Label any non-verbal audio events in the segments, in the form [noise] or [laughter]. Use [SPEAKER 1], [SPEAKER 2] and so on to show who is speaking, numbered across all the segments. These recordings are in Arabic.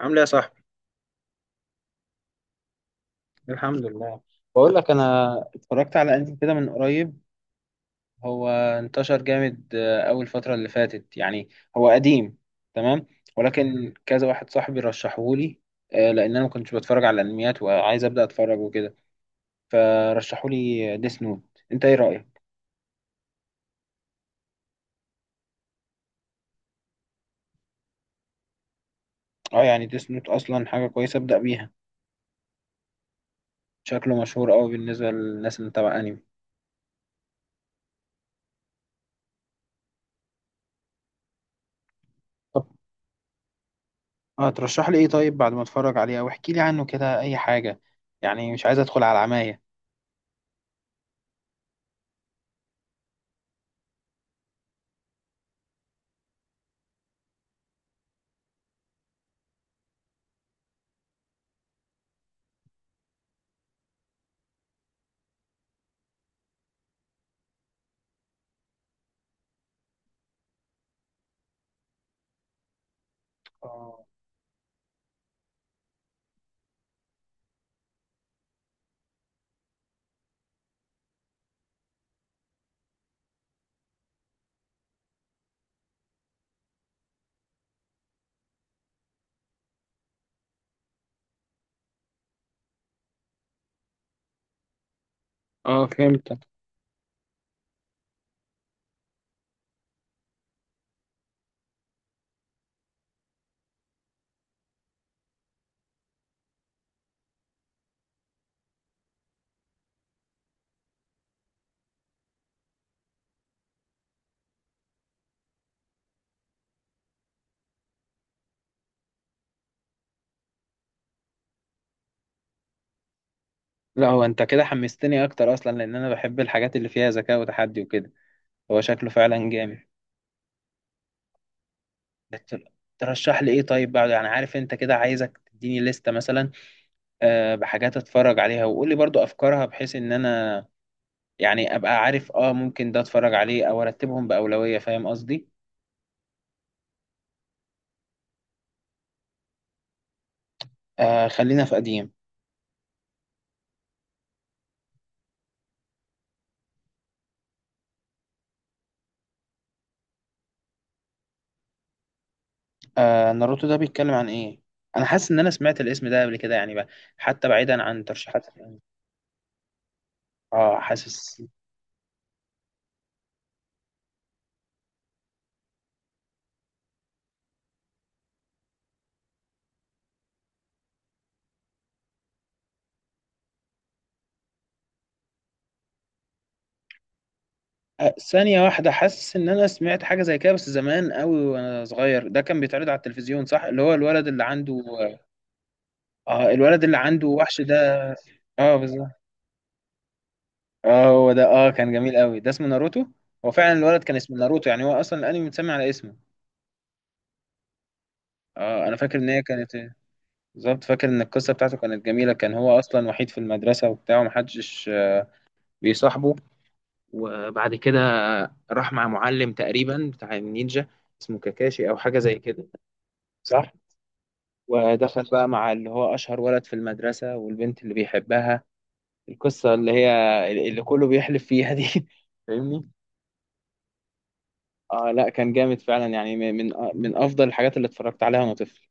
[SPEAKER 1] عامل ايه يا صاحبي؟ الحمد لله. بقول لك، انا اتفرجت على انمي كده من قريب. هو انتشر جامد اول فتره اللي فاتت يعني. هو قديم، تمام. ولكن كذا واحد صاحبي رشحه لي، لان انا ما كنتش بتفرج على الانميات وعايز ابدا اتفرج وكده، فرشحوا لي ديس نوت. انت ايه رايك؟ اه يعني ديس نوت اصلا حاجه كويسه ابدا بيها. شكله مشهور قوي بالنسبه للناس اللي متابعه انمي. طب اه ترشح لي ايه طيب بعد ما اتفرج عليه، او احكي لي عنه كده اي حاجه، يعني مش عايز ادخل على عماية. اه فهمتك. لا هو انت كده حمستني اكتر اصلا، لان انا بحب الحاجات اللي فيها ذكاء وتحدي وكده. هو شكله فعلا جامد. بت- ترشح لي ايه طيب بعد، يعني عارف انت كده، عايزك تديني لستة مثلا، بحاجات اتفرج عليها، وقول لي برضو افكارها، بحيث ان انا يعني ابقى عارف اه ممكن ده اتفرج عليه او ارتبهم بأولوية. فاهم قصدي؟ خلينا في قديم. ناروتو ده بيتكلم عن ايه؟ انا حاسس ان انا سمعت الاسم ده قبل كده يعني بقى، حتى بعيدا عن ترشيحات الأنمي. اه حاسس. ثانية واحدة، حاسس إن أنا سمعت حاجة زي كده بس زمان أوي وأنا صغير، ده كان بيتعرض على التلفزيون صح؟ اللي هو الولد اللي عنده، الولد اللي عنده وحش ده. آه بالظبط. آه هو ده، كان جميل أوي. ده اسمه ناروتو؟ هو فعلا الولد كان اسمه ناروتو، يعني هو أصلا الأنمي متسمي على اسمه. آه أنا فاكر إن هي كانت، بالظبط فاكر إن القصة بتاعته كانت جميلة. كان هو أصلا وحيد في المدرسة وبتاع ومحدش بيصاحبه، وبعد كده راح مع معلم تقريبا بتاع النينجا، اسمه كاكاشي أو حاجة زي كده، صح. ودخل بقى مع اللي هو أشهر ولد في المدرسة والبنت اللي بيحبها، القصة اللي هي اللي كله بيحلف فيها دي. [laughs] فاهمني؟ اه لا كان جامد فعلا، يعني من أفضل الحاجات اللي اتفرجت عليها وأنا طفل.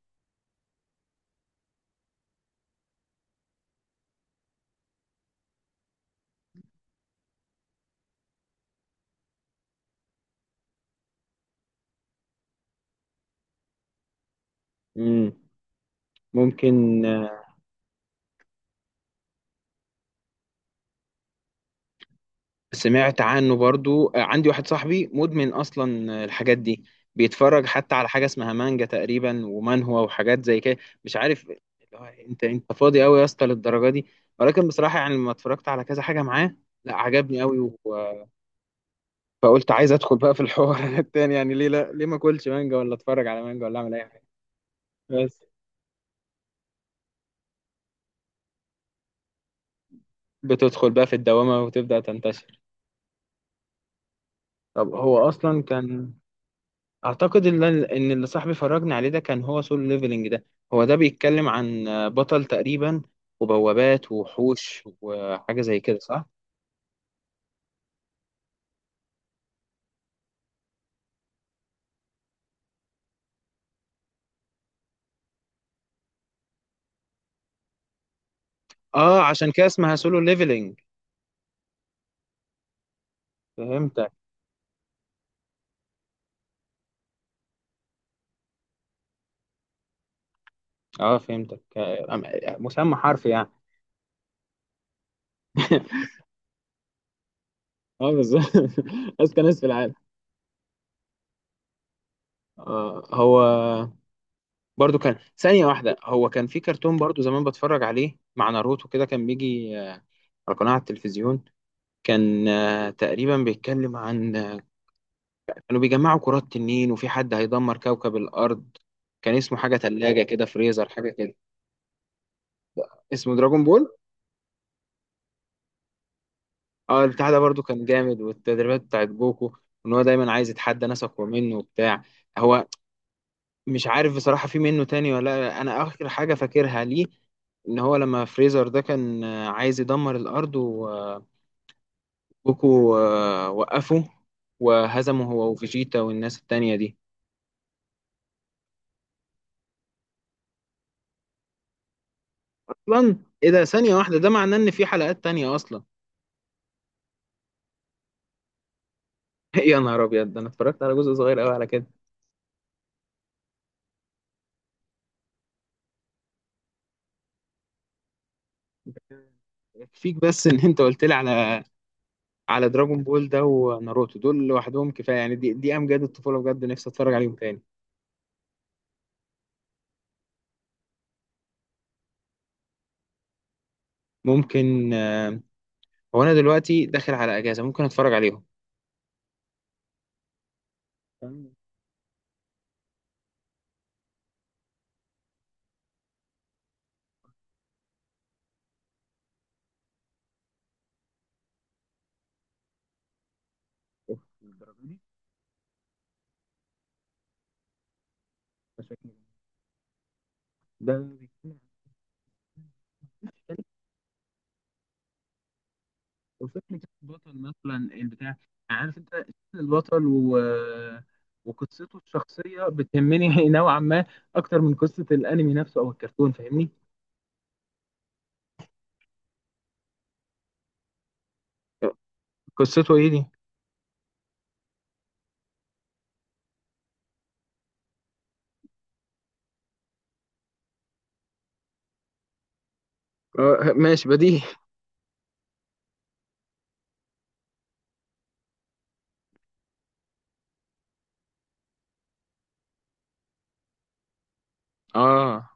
[SPEAKER 1] مم. ممكن سمعت عنه برضو. عندي واحد صاحبي مدمن أصلا الحاجات دي، بيتفرج حتى على حاجة اسمها مانجا تقريبا ومان هو وحاجات زي كده. مش عارف اللي هو، انت فاضي قوي يا اسطى للدرجة دي؟ ولكن بصراحة يعني لما اتفرجت على كذا حاجة معاه، لا عجبني قوي، فقلت عايز ادخل بقى في الحوار [laughs] التاني، يعني ليه لا؟ ليه ما اكلش مانجا ولا اتفرج على مانجا ولا اعمل اي حاجه؟ بس بتدخل بقى في الدوامه وتبدا تنتشر. طب هو اصلا كان، اعتقد ان اللي صاحبي فرجني عليه ده كان هو سول ليفلنج ده. هو ده بيتكلم عن بطل تقريبا وبوابات ووحوش وحاجه زي كده، صح؟ اه عشان كده اسمها سولو ليفلنج. فهمتك. اه فهمتك، مسمى حرفي يعني. [laughs] اه بالظبط. [laughs] اذكى ناس في العالم. هو برضو كان، ثانية واحدة، هو كان في كرتون برضو زمان بتفرج عليه مع ناروتو، كده كان بيجي على قناة على التلفزيون. كان تقريبا بيتكلم عن كانوا بيجمعوا كرات تنين، وفي حد هيدمر كوكب الأرض، كان اسمه حاجة تلاجة كده، فريزر حاجة كده. اسمه دراجون بول. اه البتاع ده برضو كان جامد، والتدريبات بتاعت جوكو، ان هو دايما عايز يتحدى ناس اقوى منه وبتاع. هو مش عارف بصراحة في منه تاني ولا لأ. انا اخر حاجة فاكرها ليه ان هو لما فريزر ده كان عايز يدمر الارض، جوكو وقفه وهزمه هو وفيجيتا والناس التانية دي. اصلا ايه ده؟ ثانية واحدة، ده معناه ان في حلقات تانية اصلا؟ [laughs] يا نهار ابيض، ده انا اتفرجت على جزء صغير قوي على كده. يكفيك بس ان انت قلت لي على على دراجون بول ده وناروتو، دول لوحدهم كفايه يعني. دي امجاد الطفوله بجد، نفسي اتفرج عليهم تاني. ممكن هو انا دلوقتي داخل على اجازه، ممكن اتفرج عليهم. تمام. أوف، الدرجة دي؟ ده شكله جميل. ده بيتكلم عن، وفكرة البطل مثلا البتاع، عارف انت شكل البطل و... وقصته الشخصية بتهمني [laughs] نوعا ما، أكتر من قصة الأنمي نفسه أو الكرتون. فاهمني؟ قصته ايه دي؟ آه ماشي، بديهي. اه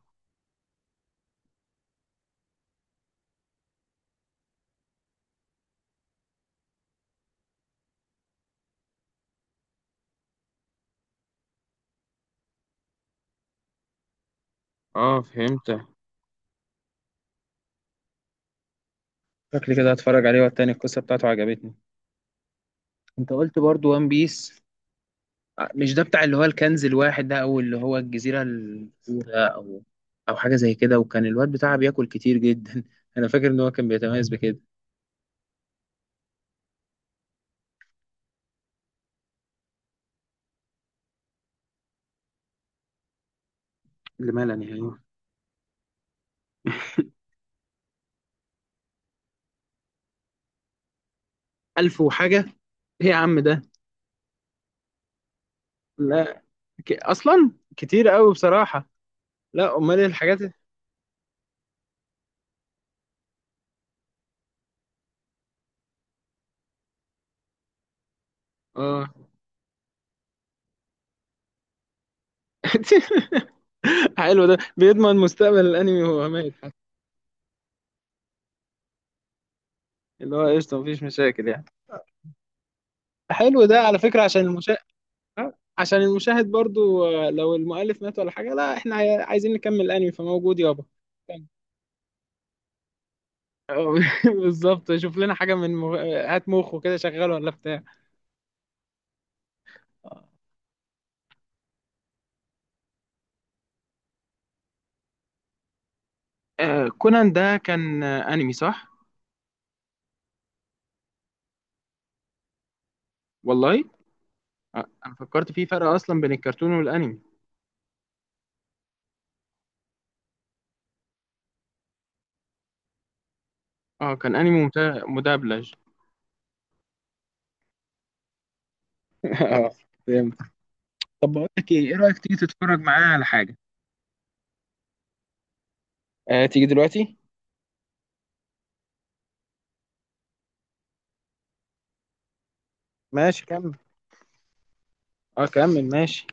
[SPEAKER 1] اه فهمت. شكلي كده هتفرج عليه، والتاني القصة بتاعته عجبتني. انت قلت برضو وان بيس، مش ده بتاع اللي هو الكنز الواحد ده او اللي هو الجزيرة الأولى او او حاجة زي كده، وكان الواد بتاعها بياكل كتير جدا؟ [laughs] انا فاكر ان هو كان بيتميز بكده. اللي ملل يعني؟ 1000 وحاجة؟ ايه يا عم ده؟ لا اصلا كتير قوي بصراحة. لا امال ايه اه. [laughs] حلو، ده بيضمن مستقبل الانمي وهو ميت حتى. اللي هو قشطة، مفيش مشاكل يعني. حلو ده على فكرة عشان المشاهد، عشان المشاهد برضو لو المؤلف مات ولا حاجة، لا احنا عايزين نكمل الانمي، فموجود يابا. آه، [laughs] بالظبط. شوف لنا حاجة من مغ... هات مخه كده شغال ولا بتاع. كونان ده كان انمي صح؟ والله انا فكرت في فرق اصلا بين الكرتون والانمي. اه كان انمي مدبلج. [laughs] اه فهمت. طب بقول لك ايه، ايه رايك تيجي تتفرج معايا على حاجه؟ آه تيجي دلوقتي. ماشي كمل. اه كمل ماشي.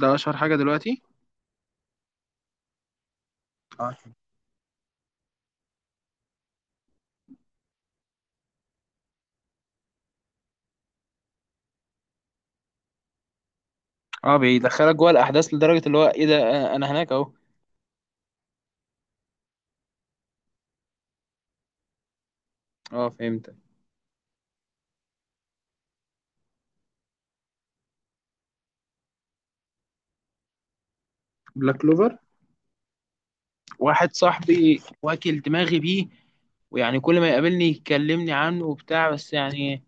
[SPEAKER 1] ده اشهر حاجة دلوقتي؟ اه. اه بيدخلك جوه الاحداث لدرجه اللي هو ايه ده، انا هناك اهو. اه فهمت. بلاك كلوفر، واحد صاحبي واكل دماغي بيه، ويعني كل ما يقابلني يكلمني عنه وبتاع. بس يعني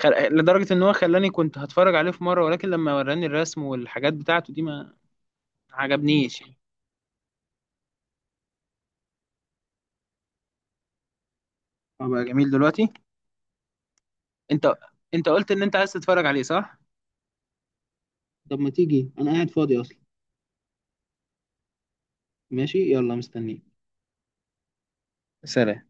[SPEAKER 1] لدرجة ان هو خلاني كنت هتفرج عليه في مرة، ولكن لما وراني الرسم والحاجات بتاعته دي ما عجبنيش. أبقى جميل دلوقتي؟ انت انت قلت ان انت عايز تتفرج عليه صح؟ طب ما تيجي، انا قاعد فاضي اصلا. ماشي يلا، مستنيك. سلام.